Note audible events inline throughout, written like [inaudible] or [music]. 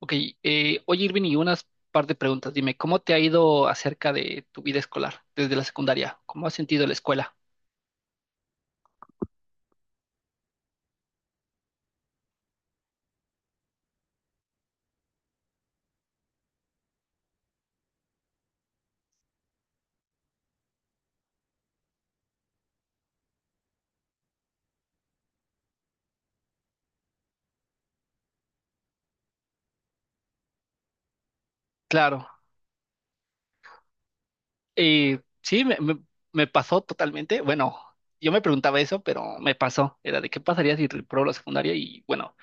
Ok, Oye, Irving, y unas par de preguntas. Dime, ¿cómo te ha ido acerca de tu vida escolar desde la secundaria? ¿Cómo has sentido la escuela? Claro, sí, me pasó totalmente. Bueno, yo me preguntaba eso, pero me pasó. Era de qué pasaría si reprobó la secundaria y, bueno,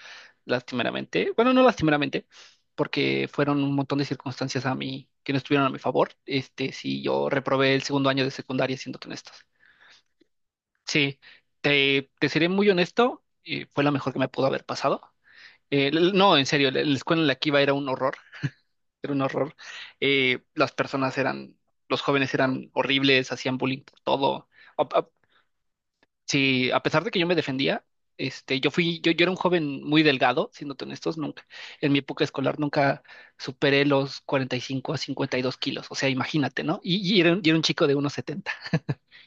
lastimeramente, bueno, no lastimeramente, porque fueron un montón de circunstancias a mí que no estuvieron a mi favor. Este, sí, yo reprobé el segundo año de secundaria, siéndote honestos. Sí, te seré muy honesto, fue lo mejor que me pudo haber pasado. No, en serio, la escuela en la que iba era un horror, era un horror. Las personas eran, los jóvenes eran horribles, hacían bullying por todo. A- a- sí, a pesar de que yo me defendía. Este, yo era un joven muy delgado, siéndote honestos. Nunca, en mi época escolar, nunca superé los 45 a 52 kilos, o sea, imagínate, ¿no? Y era un chico de 1,70,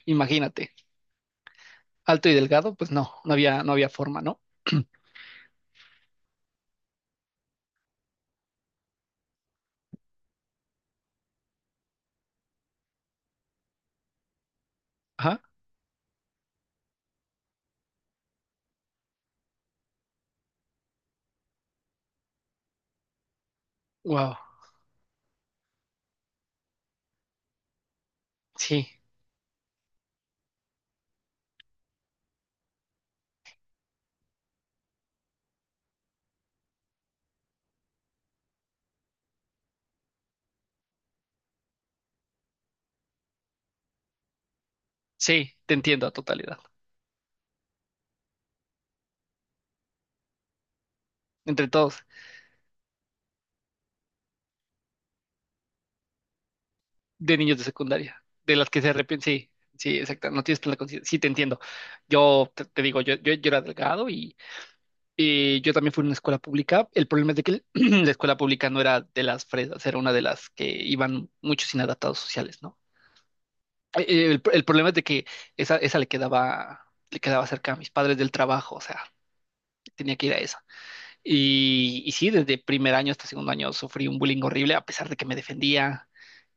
imagínate. Alto y delgado, pues no, no había forma, ¿no? Ajá, wow, sí, sí, te entiendo a totalidad, entre todos. De niños de secundaria, de las que se arrepienten, sí, sí, exacto, no tienes plena conciencia, sí, te entiendo. Yo te digo, yo era delgado y yo también fui a una escuela pública. El problema es de que [clears throat] la escuela pública no era de las fresas, era una de las que iban muchos inadaptados sociales, ¿no? El problema es de que esa le quedaba cerca a mis padres del trabajo, o sea, tenía que ir a esa. Y sí, desde primer año hasta segundo año sufrí un bullying horrible, a pesar de que me defendía.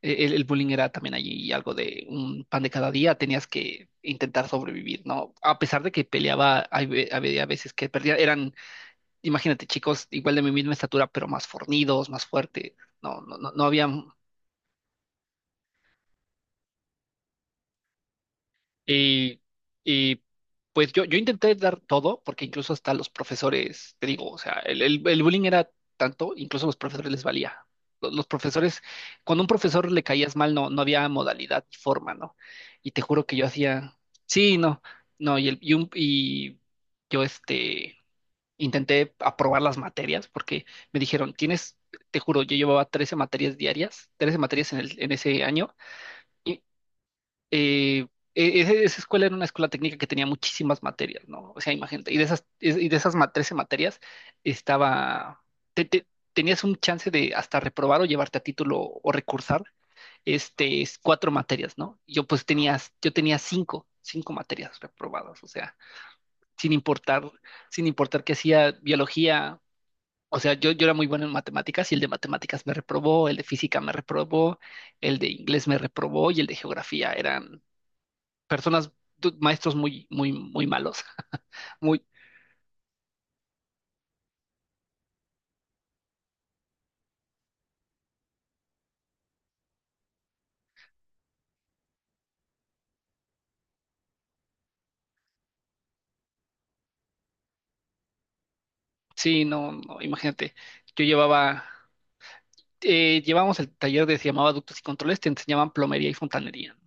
El bullying era también allí algo de un pan de cada día, tenías que intentar sobrevivir, ¿no? A pesar de que peleaba, había veces que perdía. Eran, imagínate, chicos igual de mi misma estatura, pero más fornidos, más fuertes. No, no, no, no había. Y, y pues yo intenté dar todo, porque incluso hasta los profesores, te digo, o sea, el bullying era tanto, incluso a los profesores les valía. Los profesores, cuando a un profesor le caías mal, no había modalidad ni forma, ¿no? Y te juro que yo hacía, sí, no, no, y yo, este, intenté aprobar las materias porque me dijeron, tienes, te juro, yo llevaba 13 materias diarias, 13 materias en ese año. Eh, e- ese- esa escuela era una escuela técnica que tenía muchísimas materias, ¿no? O sea, imagínate, y de esas, es- y de esas ma- 13 materias, estaba, te- te- tenías un chance de hasta reprobar o llevarte a título o recursar, este, es cuatro materias, ¿no? Yo, pues, yo tenía cinco materias reprobadas, o sea, sin importar, sin importar, que hacía biología. O sea, yo era muy bueno en matemáticas y el de matemáticas me reprobó, el de física me reprobó, el de inglés me reprobó y el de geografía personas. Maestros muy, muy, muy malos. Muy, sí, no, no, imagínate. Yo llevaba, Llevábamos el taller, de se llamaba ductos y controles, te enseñaban plomería y fontanería, ¿no?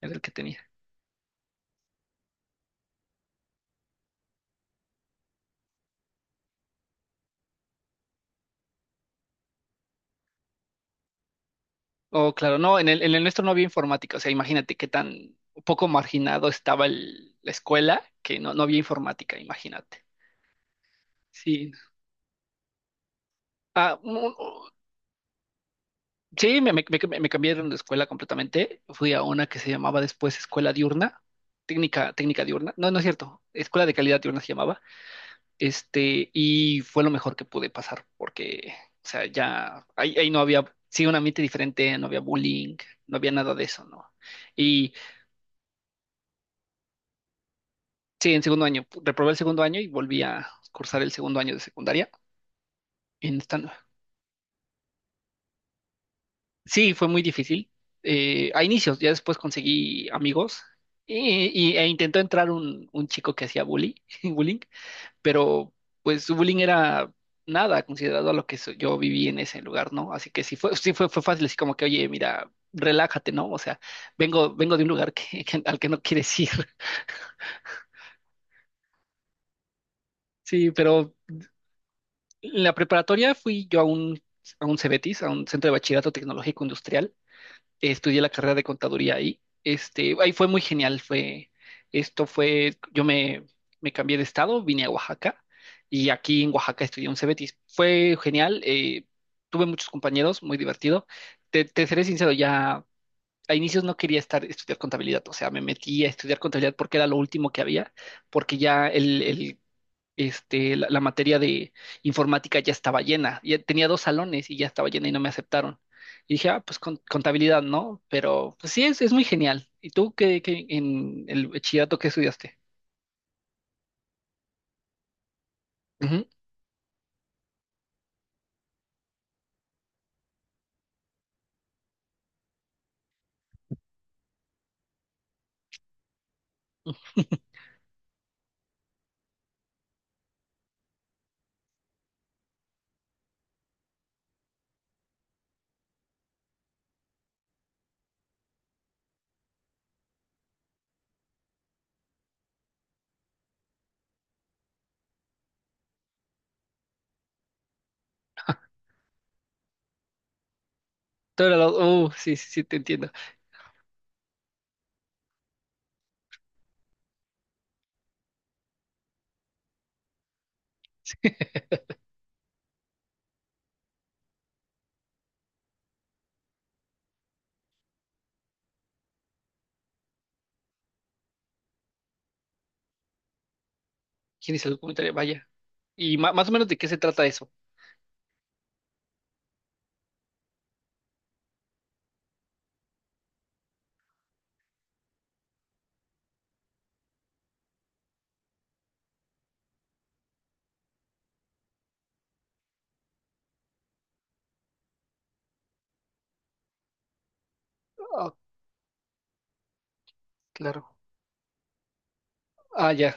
Era el que tenía. Oh, claro, no, en el nuestro no había informática, o sea, imagínate qué tan poco marginado estaba la escuela, que no había informática, imagínate. Sí. Ah, mu- sí, me cambiaron de escuela completamente. Fui a una que se llamaba después Escuela Diurna, técnica, técnica diurna. No, no es cierto. Escuela de Calidad Diurna se llamaba. Este, y fue lo mejor que pude pasar, porque, o sea, ya ahí no había, sí, un ambiente diferente, no había bullying, no había nada de eso, ¿no? Y sí, en segundo año, reprobé el segundo año y volví a cursar el segundo año de secundaria. En esta, sí, fue muy difícil. A inicios, ya después conseguí amigos, e intentó entrar un chico que hacía [laughs] bullying. Pero pues su bullying era nada considerado a lo que yo viví en ese lugar, ¿no? Así que sí fue, fue fácil, así como que, oye, mira, relájate, ¿no? O sea, vengo de un lugar al que no quieres ir. [laughs] Sí, pero en la preparatoria fui yo a un CBETIS, a un centro de bachillerato tecnológico industrial, estudié la carrera de contaduría ahí. Este, ahí fue muy genial. Yo me cambié de estado, vine a Oaxaca y aquí en Oaxaca estudié un CBT. Fue genial, tuve muchos compañeros, muy divertido. Te seré sincero, ya a inicios no quería estudiar contabilidad, o sea, me metí a estudiar contabilidad porque era lo último que había, porque ya el este, la materia de informática ya estaba llena. Ya tenía dos salones y ya estaba llena y no me aceptaron. Y dije, ah, pues contabilidad, ¿no? Pero pues sí, es muy genial. ¿Y tú qué, en el bachillerato qué estudiaste? Ujú. [laughs] Todo era lo- oh, sí, sí, sí, te entiendo. ¿Quién hizo el comentario? Vaya. ¿Y más o menos de qué se trata eso? Ah, claro. Ah, ya.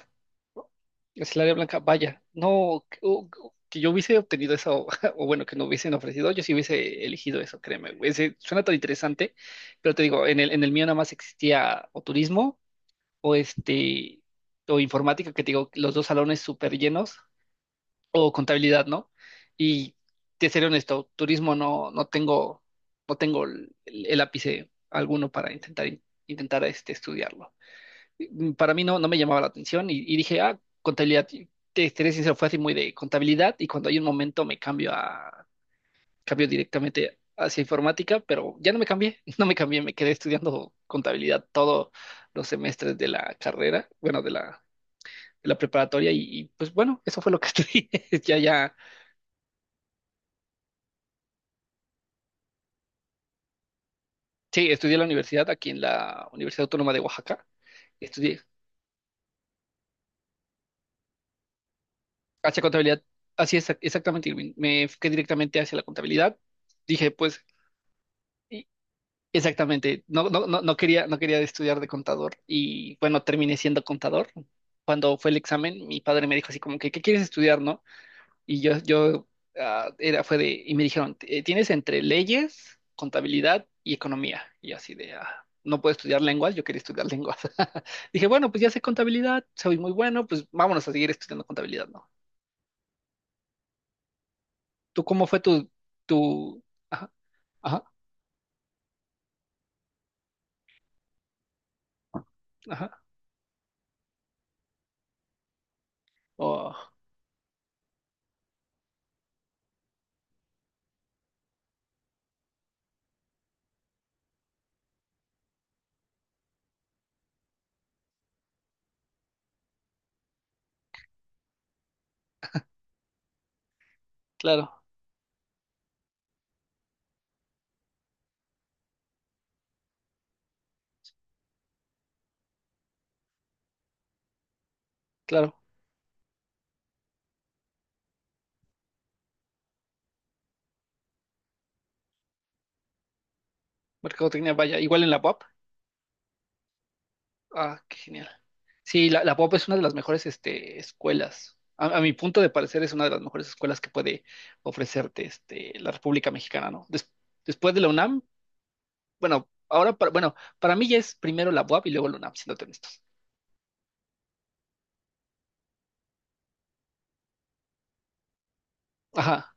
Es el área blanca. Vaya. No, que yo hubiese obtenido eso, [laughs] o, bueno, que no hubiesen ofrecido, yo sí hubiese elegido eso, créeme, güey. Suena tan interesante, pero te digo, en el mío nada más existía o turismo, o este, o informática, que te digo, los dos salones súper llenos, o contabilidad, ¿no? Y te seré honesto, turismo no, no tengo el ápice alguno para intentar, intentar este, estudiarlo. Para mí no me llamaba la atención, y dije, ah, contabilidad. Y te seré sincero, fue así muy de contabilidad, y cuando hay un momento me cambio a, cambio directamente hacia informática, pero ya no me cambié, [laughs] no me cambié, me quedé estudiando contabilidad todos los semestres de la carrera, bueno, de la preparatoria. Pues bueno, eso fue lo que [laughs] estudié. Ya, ya, sí, estudié en la universidad, aquí en la Universidad Autónoma de Oaxaca, estudié hacia contabilidad, así es, exactamente, Irving, me fui directamente hacia la contabilidad, dije, pues... y, Exactamente, no, no quería estudiar de contador y, bueno, terminé siendo contador. Cuando fue el examen, mi padre me dijo así como que, ¿qué quieres estudiar, no? Y yo, ah, era, fue de, y me dijeron, Tienes entre leyes, contabilidad y economía". Y yo así de, "Ah, no puedo estudiar lenguas, yo quería estudiar lenguas". [laughs] Dije, bueno, pues ya sé contabilidad, soy muy bueno, pues vámonos a seguir estudiando contabilidad, ¿no? ¿Tú cómo fue tu, ajá, ajá, ajá, oh, claro, claro, mercadotecnia, vaya, igual en la UAP? Ah, qué genial. Sí, la POP es una de las mejores, este, escuelas. A mi punto de parecer, es una de las mejores escuelas que puede ofrecerte, este, la República Mexicana, ¿no? Después de la UNAM, bueno, ahora, para, bueno, para mí ya es primero la UAP y luego la UNAM, siéndote honestos. Ajá,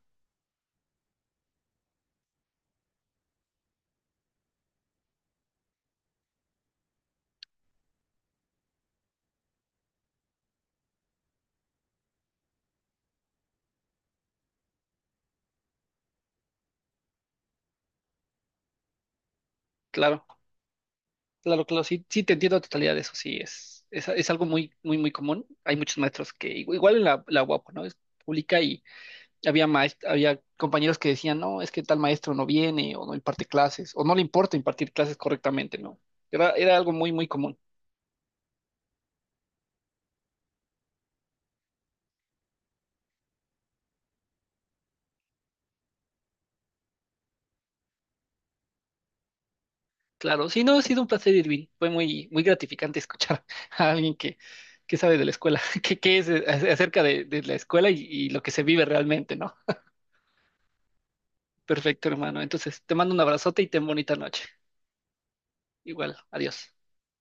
claro, claro, claro, sí, sí, te entiendo a totalidad de eso, sí, es algo muy, muy, muy común. Hay muchos maestros que, igual en la, la UAP, ¿no? Es pública. Había compañeros que decían, no, es que tal maestro no viene o no imparte clases o no le importa impartir clases correctamente, ¿no? Era algo muy, muy común. Claro, sí, no, ha sido un placer, Irving. Fue muy, muy gratificante escuchar [laughs] a alguien que sabe de la escuela, [laughs] que es acerca de la escuela y lo que se vive realmente, ¿no? Perfecto, hermano. Entonces, te mando un abrazote y ten bonita noche. Igual, adiós.